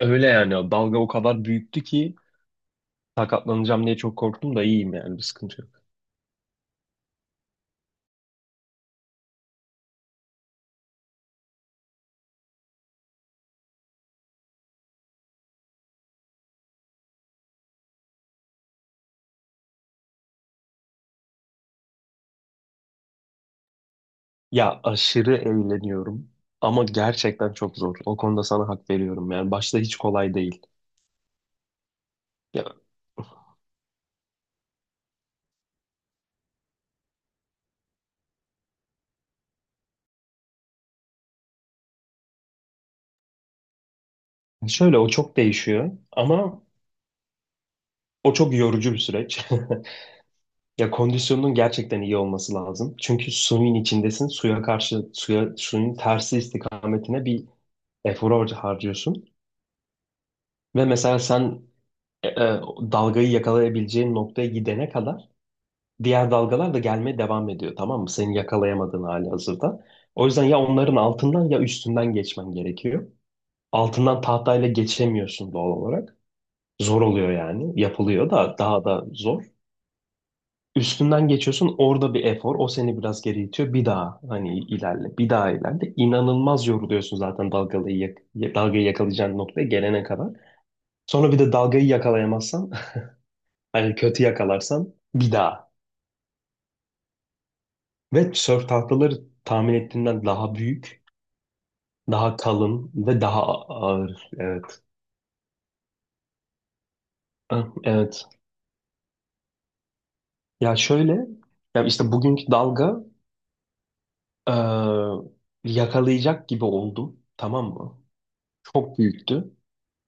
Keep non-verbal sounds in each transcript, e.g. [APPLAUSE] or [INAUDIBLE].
Öyle yani dalga o kadar büyüktü ki sakatlanacağım diye çok korktum da iyiyim yani bir sıkıntı yok. Ya aşırı eğleniyorum ama gerçekten çok zor. O konuda sana hak veriyorum yani başta hiç kolay değil. Ya şöyle o çok değişiyor ama o çok yorucu bir süreç. [LAUGHS] Ya kondisyonun gerçekten iyi olması lazım. Çünkü suyun içindesin. Suya karşı suya suyun tersi istikametine bir efor harcıyorsun. Ve mesela sen e, e, dalgayı yakalayabileceğin noktaya gidene kadar diğer dalgalar da gelmeye devam ediyor, tamam mı? Seni yakalayamadığın hali hazırda. O yüzden ya onların altından ya üstünden geçmen gerekiyor. Altından tahtayla geçemiyorsun doğal olarak. Zor oluyor yani. Yapılıyor da daha da zor. Üstünden geçiyorsun, orada bir efor. O seni biraz geri itiyor. Bir daha hani ilerle. Bir daha ilerle. İnanılmaz yoruluyorsun zaten dalgayı yakalayacağın noktaya gelene kadar. Sonra bir de dalgayı yakalayamazsan [LAUGHS] hani kötü yakalarsan bir daha. Ve sörf tahtaları tahmin ettiğinden daha büyük. Daha kalın ve daha ağır. Evet. Ah, evet. Ya şöyle, ya işte bugünkü dalga e, yakalayacak gibi oldum. Tamam mı? Çok büyüktü.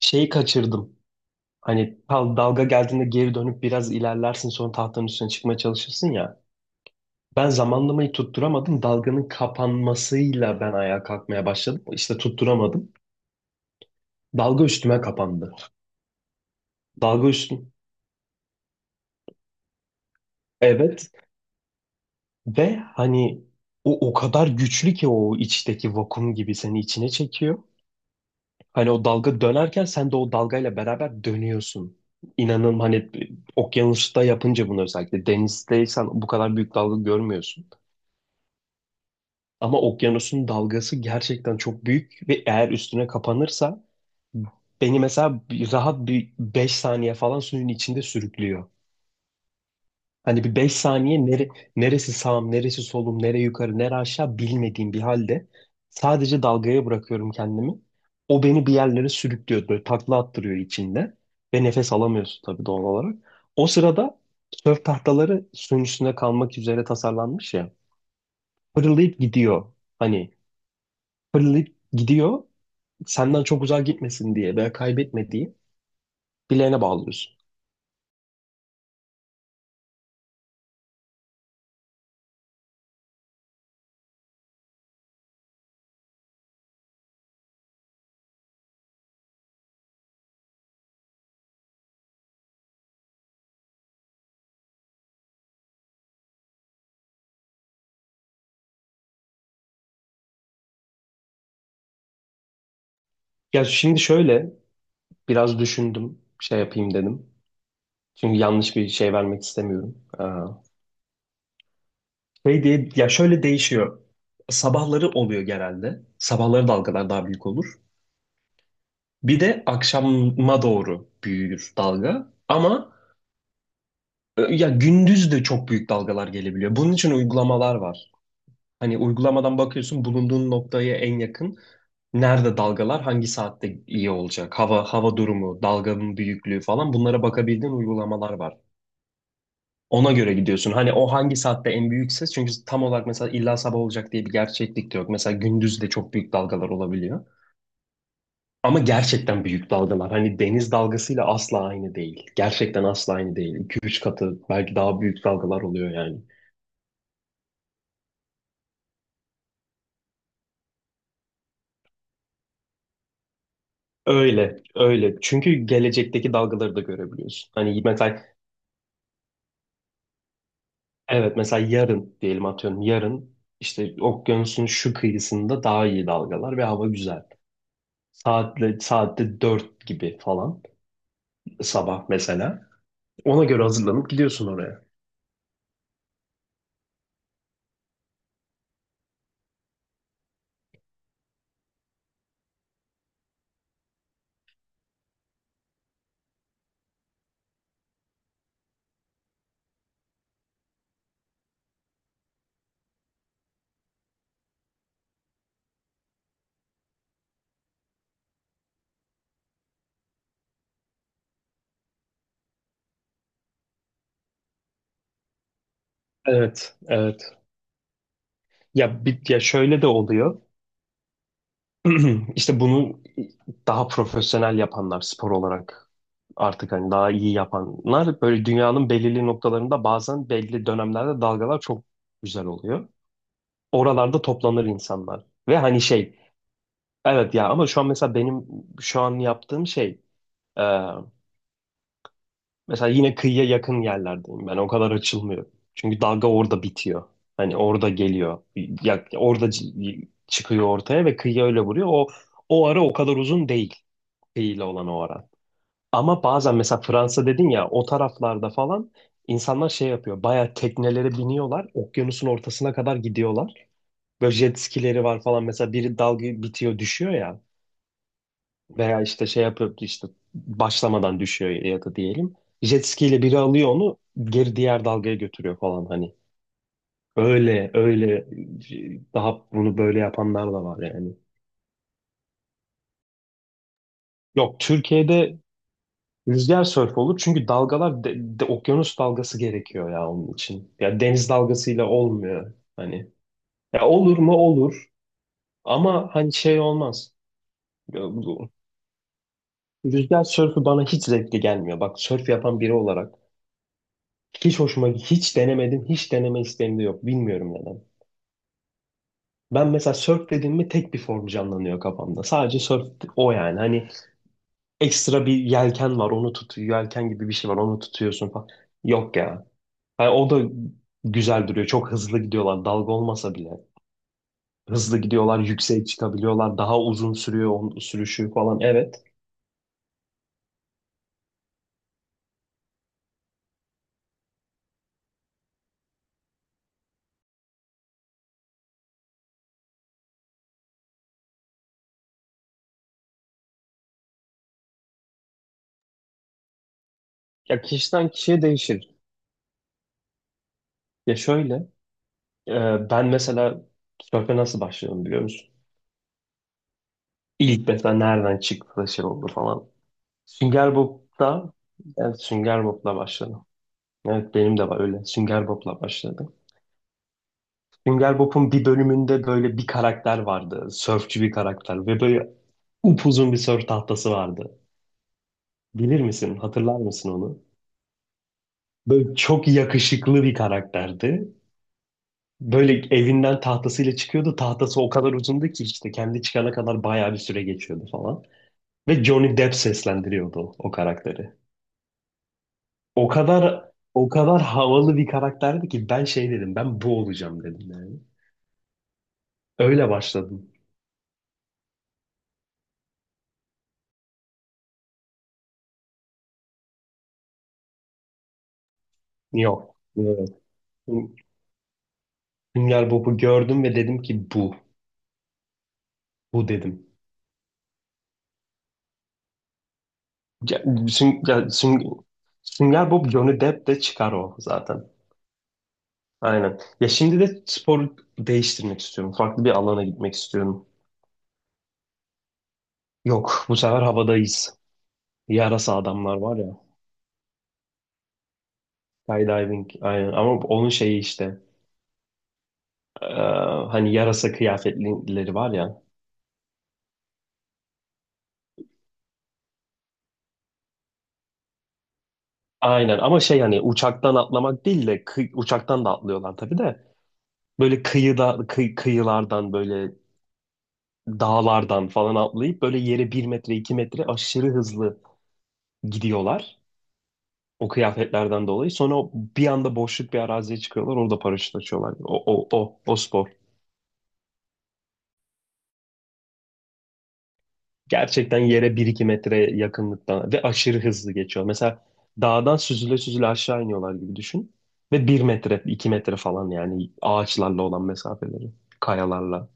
Şeyi kaçırdım. Hani dalga geldiğinde geri dönüp biraz ilerlersin, sonra tahtanın üstüne çıkmaya çalışırsın ya. Ben zamanlamayı tutturamadım. Dalganın kapanmasıyla ben ayağa kalkmaya başladım. İşte tutturamadım. Dalga üstüme kapandı. Dalga üstüm. Evet. Ve hani o o kadar güçlü ki o içteki vakum gibi seni içine çekiyor. Hani o dalga dönerken sen de o dalgayla beraber dönüyorsun. İnanın hani okyanusta yapınca bunu, özellikle denizdeysen bu kadar büyük dalga görmüyorsun. Ama okyanusun dalgası gerçekten çok büyük ve eğer üstüne kapanırsa beni mesela rahat bir 5 saniye falan suyun içinde sürüklüyor. Hani bir 5 saniye neresi sağım, neresi solum, nere yukarı, nere aşağı bilmediğim bir halde sadece dalgaya bırakıyorum kendimi. O beni bir yerlere sürüklüyor, böyle takla attırıyor içinde ve nefes alamıyorsun tabii doğal olarak. O sırada sörf tahtaları suyun üstünde kalmak üzere tasarlanmış ya. Fırlayıp gidiyor. Hani fırlayıp gidiyor. Senden çok uzağa gitmesin diye veya kaybetme diye bileğine bağlıyorsun. Ya şimdi şöyle biraz düşündüm, şey yapayım dedim. Çünkü yanlış bir şey vermek istemiyorum. Şey diye, ya şöyle değişiyor. Sabahları oluyor genelde. Sabahları dalgalar daha büyük olur. Bir de akşama doğru büyür dalga. Ama ya gündüz de çok büyük dalgalar gelebiliyor. Bunun için uygulamalar var. Hani uygulamadan bakıyorsun bulunduğun noktaya en yakın nerede dalgalar, hangi saatte iyi olacak, hava durumu, dalganın büyüklüğü falan, bunlara bakabildiğin uygulamalar var. Ona göre gidiyorsun. Hani o hangi saatte en büyük ses? Çünkü tam olarak mesela illa sabah olacak diye bir gerçeklik de yok. Mesela gündüz de çok büyük dalgalar olabiliyor. Ama gerçekten büyük dalgalar. Hani deniz dalgasıyla asla aynı değil. Gerçekten asla aynı değil. 2 üç katı belki daha büyük dalgalar oluyor yani. Öyle, öyle. Çünkü gelecekteki dalgaları da görebiliyorsun. Hani mesela evet, mesela yarın diyelim atıyorum, yarın işte okyanusun şu kıyısında daha iyi dalgalar ve hava güzel. Saatte 4 gibi falan. Sabah mesela. Ona göre hazırlanıp gidiyorsun oraya. Evet, evet. Ya, bir, ya şöyle de oluyor. [CLEARS THROAT] İşte bunu daha profesyonel yapanlar spor olarak, artık hani daha iyi yapanlar böyle dünyanın belirli noktalarında bazen belli dönemlerde dalgalar çok güzel oluyor. Oralarda toplanır insanlar. Ve hani şey, evet ya, ama şu an mesela benim şu an yaptığım şey, e, mesela yine kıyıya yakın yerlerdeyim ben. O kadar açılmıyor. Çünkü dalga orada bitiyor. Hani orada geliyor. Ya, orada çıkıyor ortaya ve kıyıya öyle vuruyor. O ara o kadar uzun değil. Kıyıyla olan o ara. Ama bazen mesela Fransa dedin ya, o taraflarda falan insanlar şey yapıyor. Bayağı teknelere biniyorlar. Okyanusun ortasına kadar gidiyorlar. Böyle jet skileri var falan. Mesela biri dalga bitiyor düşüyor ya. Veya işte şey yapıyor, işte başlamadan düşüyor ya da diyelim. Jet ski ile biri alıyor onu, geri diğer dalgaya götürüyor falan hani. Öyle öyle daha bunu böyle yapanlar da var yani. Yok, Türkiye'de rüzgar sörf olur çünkü dalgalar okyanus dalgası gerekiyor ya onun için. Ya deniz dalgasıyla olmuyor hani. Ya olur mu olur ama hani şey olmaz. Ya bu- Rüzgar sörfü bana hiç zevkli gelmiyor. Bak, sörf yapan biri olarak hiç hoşuma, hiç denemedim, hiç deneme isteğim de yok. Bilmiyorum neden. Ben mesela surf dediğim mi tek bir form canlanıyor kafamda. Sadece surf o yani. Hani ekstra bir yelken var, onu tutuyor. Yelken gibi bir şey var, onu tutuyorsun falan. Yok ya. Hani o da güzel duruyor. Çok hızlı gidiyorlar dalga olmasa bile. Hızlı gidiyorlar, yükseğe çıkabiliyorlar. Daha uzun sürüyor onun sürüşü falan. Evet. Ya kişiden kişiye değişir. Ya şöyle e, ben mesela surf'e nasıl başladım biliyor musun? İlk mesela nereden çıktı da şey oldu falan. Sünger Bob'da evet, Sünger Bob'la başladım. Evet, benim de var öyle. Sünger Bob'la başladım. Sünger Bob'un bir bölümünde böyle bir karakter vardı. Sörfçü bir karakter ve böyle upuzun bir sörf tahtası vardı. Bilir misin? Hatırlar mısın onu? Böyle çok yakışıklı bir karakterdi. Böyle evinden tahtasıyla çıkıyordu. Tahtası o kadar uzundu ki işte kendi çıkana kadar bayağı bir süre geçiyordu falan. Ve Johnny Depp seslendiriyordu o karakteri. O kadar o kadar havalı bir karakterdi ki ben şey dedim. Ben bu olacağım dedim yani. Öyle başladım. Yok. Evet. Sünger Bob'u gördüm ve dedim ki bu. Bu dedim. Ya, Süng- ya, Süng- Sünger Bob Johnny Depp de çıkar o zaten. Aynen. Ya şimdi de spor değiştirmek istiyorum. Farklı bir alana gitmek istiyorum. Yok, bu sefer havadayız. Yarasa adamlar var ya. Skydiving aynen ama onun şeyi işte e, hani yarasa kıyafetlileri var ya. Aynen ama şey hani uçaktan atlamak değil de uçaktan da atlıyorlar tabii de böyle kıyıda kıyılardan böyle dağlardan falan atlayıp böyle yere bir metre iki metre aşırı hızlı gidiyorlar o kıyafetlerden dolayı. Sonra bir anda boşluk bir araziye çıkıyorlar, orada paraşüt açıyorlar. O spor. Gerçekten yere bir iki metre yakınlıktan ve aşırı hızlı geçiyor. Mesela dağdan süzüle süzüle aşağı iniyorlar gibi düşün. Ve bir metre, iki metre falan yani ağaçlarla olan mesafeleri, kayalarla.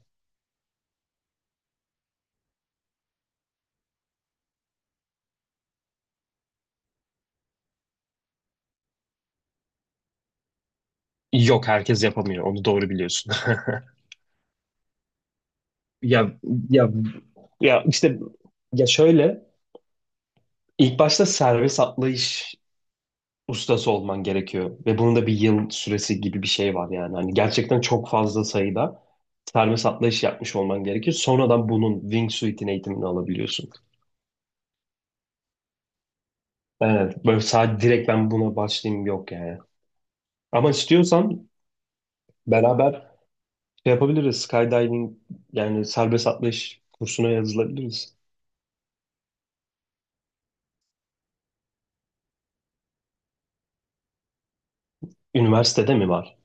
Yok, herkes yapamıyor. Onu doğru biliyorsun. [LAUGHS] Ya, ya, ya işte ya şöyle ilk başta servis atlayış ustası olman gerekiyor ve bunun da bir yıl süresi gibi bir şey var yani. Hani gerçekten çok fazla sayıda servis atlayış yapmış olman gerekiyor. Sonradan bunun wingsuit'in eğitimini alabiliyorsun. Evet, böyle sadece direkt ben buna başlayayım yok yani. Ama istiyorsan beraber şey yapabiliriz. Skydiving yani serbest atlayış kursuna yazılabiliriz. Üniversitede mi var?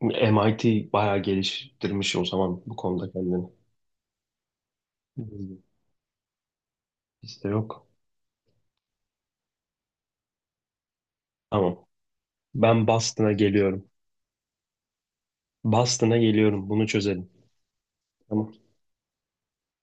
MIT bayağı geliştirmiş o zaman bu konuda kendini. Bizde bizde yok. Tamam. Ben Boston'a geliyorum. Boston'a geliyorum. Bunu çözelim. Tamam.